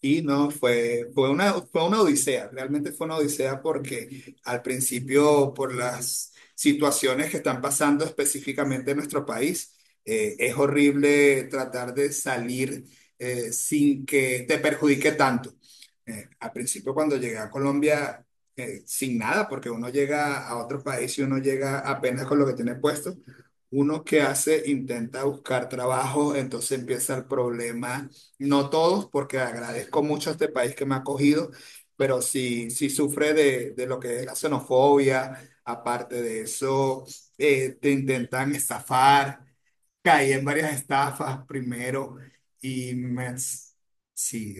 Y no, fue, fue una odisea, realmente fue una odisea porque al principio por las situaciones que están pasando específicamente en nuestro país, es horrible tratar de salir sin que te perjudique tanto. Al principio cuando llegué a Colombia, sin nada, porque uno llega a otro país y uno llega apenas con lo que tiene puesto, uno que hace intenta buscar trabajo, entonces empieza el problema no todos, porque agradezco mucho a este país que me ha acogido, pero sí, sí sufre de lo que es la xenofobia. Aparte de eso, te intentan estafar. Caí en varias estafas primero y me- sí.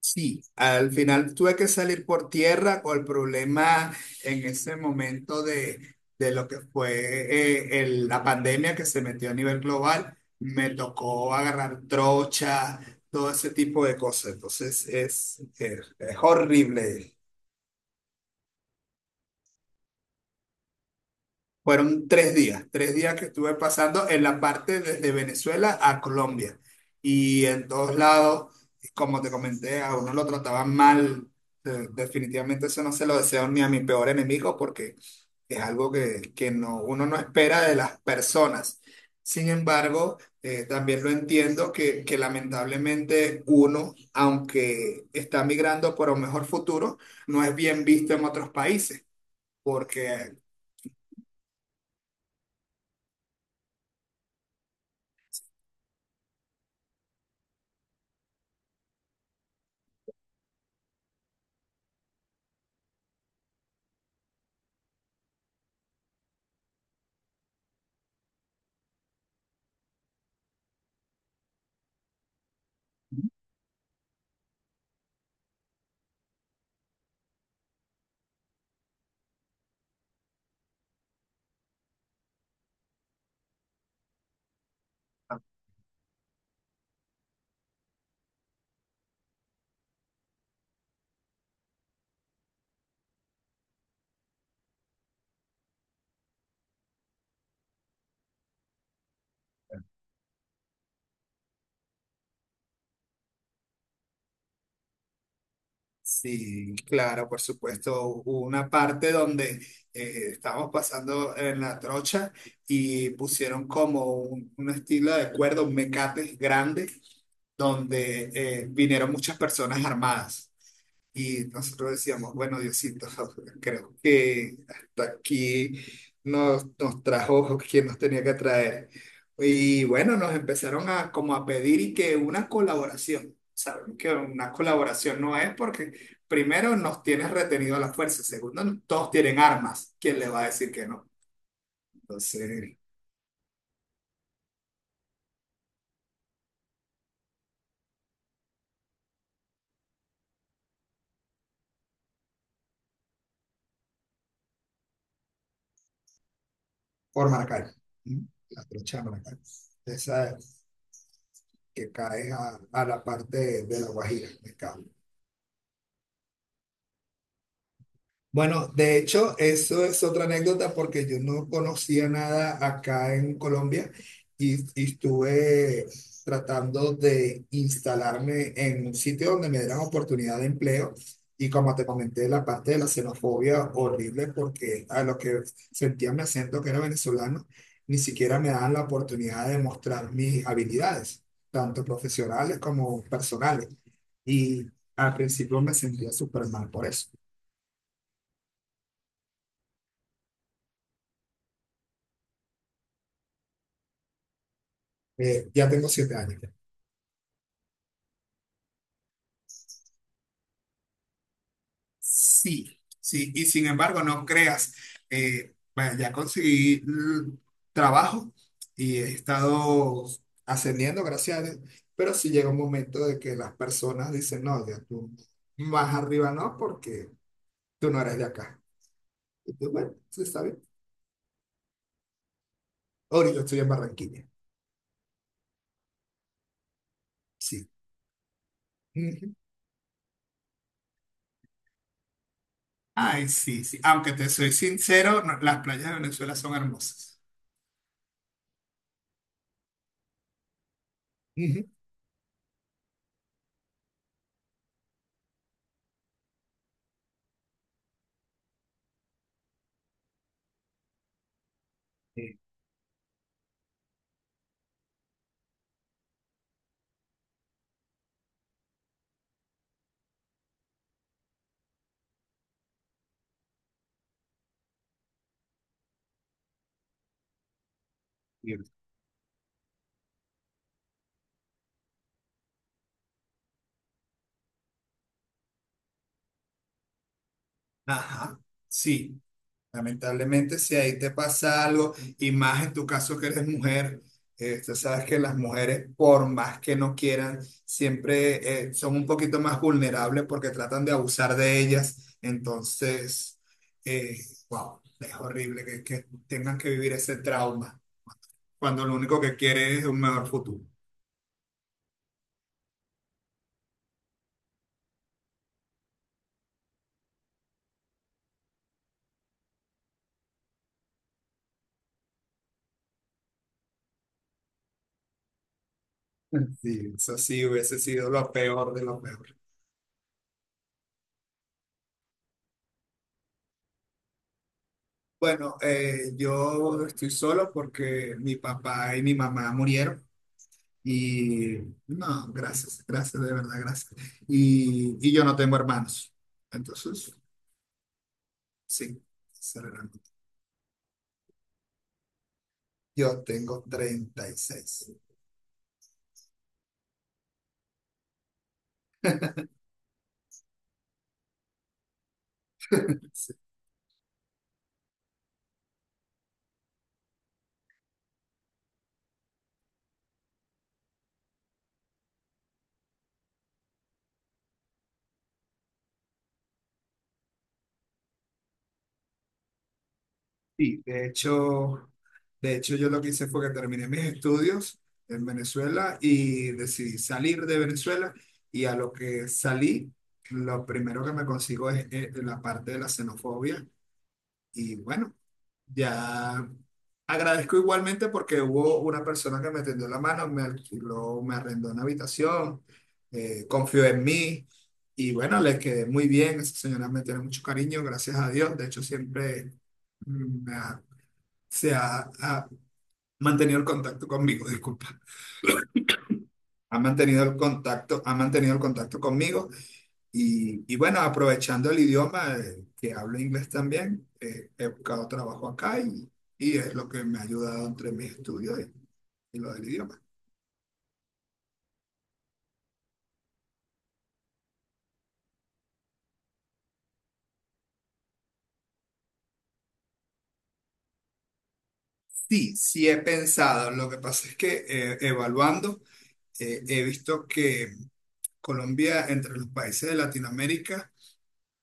Sí, al final tuve que salir por tierra con el problema en ese momento de lo que fue la pandemia que se metió a nivel global. Me tocó agarrar trocha, todo ese tipo de cosas. Entonces es horrible. Fueron 3 días, 3 días que estuve pasando en la parte desde Venezuela a Colombia. Y en todos lados, como te comenté, a uno lo trataban mal. Definitivamente eso no se lo deseo ni a mi peor enemigo porque es algo que no, uno no espera de las personas. Sin embargo, también lo entiendo que lamentablemente uno, aunque está migrando por un mejor futuro, no es bien visto en otros países porque sí, claro, por supuesto. Hubo una parte donde estábamos pasando en la trocha y pusieron como un estilo de cuerda, un mecate grande, donde vinieron muchas personas armadas. Y nosotros decíamos, bueno, Diosito, creo que hasta aquí nos trajo quien nos tenía que traer. Y bueno, nos empezaron a como a pedir y que una colaboración. Saben que una colaboración no es porque primero nos tienes retenido a la fuerza, segundo, todos tienen armas. ¿Quién le va a decir que no? Entonces, por Maracay, ¿m? La trocha de Maracay. Esa es que cae a la parte de la Guajira. Bueno, de hecho, eso es otra anécdota porque yo no conocía nada acá en Colombia y estuve tratando de instalarme en un sitio donde me dieran oportunidad de empleo y como te comenté, la parte de la xenofobia horrible porque a lo que sentía mi acento que era venezolano, ni siquiera me daban la oportunidad de mostrar mis habilidades, tanto profesionales como personales. Y al principio me sentía súper mal por eso. Ya tengo 7 años. Sí, sí, y sin embargo, no creas, bueno, ya conseguí trabajo y he estado ascendiendo, gracias a Dios, pero sí llega un momento de que las personas dicen, no, ya tú más arriba no, porque tú no eres de acá. Y tú, bueno, sí, está bien. Ahora yo estoy en Barranquilla, sí. Ujú. Ay, sí, sí, aunque te soy sincero, no- las playas de Venezuela son hermosas. Ujú. Eh, Bien. Ajá, sí. Lamentablemente, si ahí te pasa algo, y más en tu caso que eres mujer, tú sabes que las mujeres, por más que no quieran, siempre son un poquito más vulnerables porque tratan de abusar de ellas. Entonces, eh, wow, es horrible que tengan que vivir ese trauma cuando lo único que quieren es un mejor futuro. Sí, eso sí hubiese sido lo peor de lo peor. Bueno, yo estoy solo porque mi papá y mi mamá murieron. Y no, gracias, gracias, de verdad, gracias. Y yo no tengo hermanos. Entonces, sí, acelerando. Yo tengo 36. Sí, de hecho, yo lo que hice fue que terminé mis estudios en Venezuela y decidí salir de Venezuela y a lo que salí, lo primero que me consigo es la parte de la xenofobia. Y bueno, ya agradezco igualmente porque hubo una persona que me tendió la mano, me alquiló, me arrendó una habitación, confió en mí y bueno, le quedé muy bien. Esa señora me tiene mucho cariño, gracias a Dios. De hecho, siempre mm, me ha- se ha, ha mantenido el contacto conmigo, disculpa. Ha mantenido el contacto, ha mantenido el contacto conmigo y bueno, aprovechando el idioma, que hablo inglés también, he buscado trabajo acá y es lo que me ha ayudado entre mis estudios y lo del idioma. Sí, sí he pensado. Lo que pasa es que evaluando, he visto que Colombia, entre los países de Latinoamérica,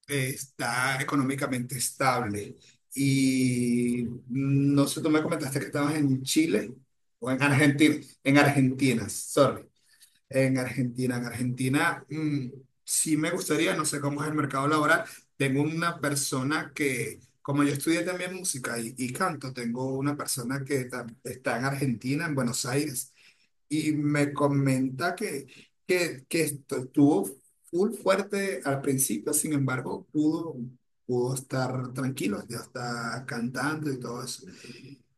está económicamente estable. Y no sé, tú me comentaste que estabas en Chile o en Argentina, sorry. En Argentina, sí me gustaría, no sé cómo es el mercado laboral. Tengo una persona que, como yo estudié también música y canto, tengo una persona está en Argentina, en Buenos Aires, y me comenta que esto estuvo full fuerte al principio, sin embargo, pudo estar tranquilo, ya está cantando y todo eso.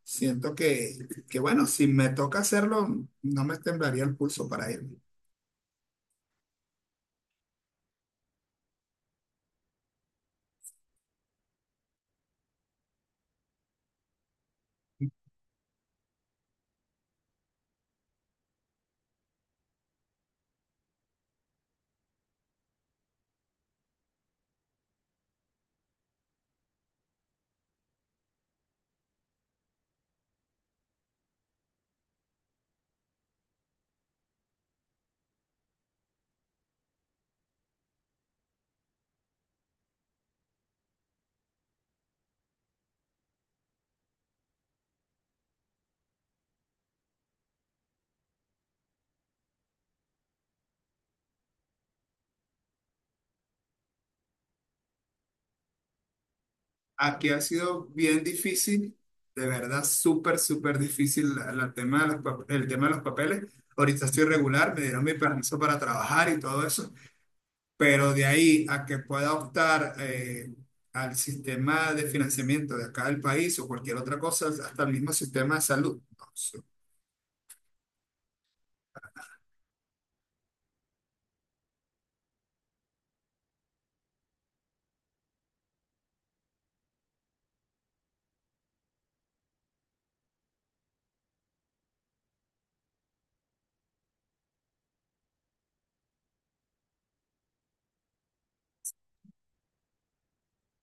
Siento que, bueno, si me toca hacerlo, no me temblaría el pulso para ir. Aquí ha sido bien difícil, de verdad, súper, súper difícil la- la tema de los pap- el tema de los papeles. Ahorita estoy regular, me dieron mi permiso para trabajar y todo eso, pero de ahí a que pueda optar al sistema de financiamiento de acá del país o cualquier otra cosa, hasta el mismo sistema de salud. No, sí.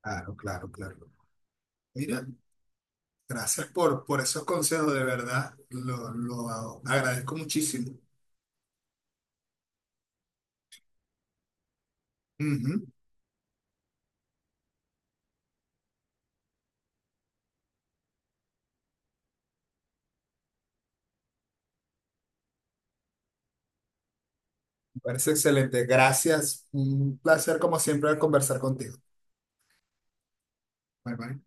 Claro, claro, claro. Mira, gracias por esos consejos, de verdad, lo agradezco muchísimo. Ujú. Parece excelente. Gracias. Un placer, como siempre, conversar contigo. Bye bye.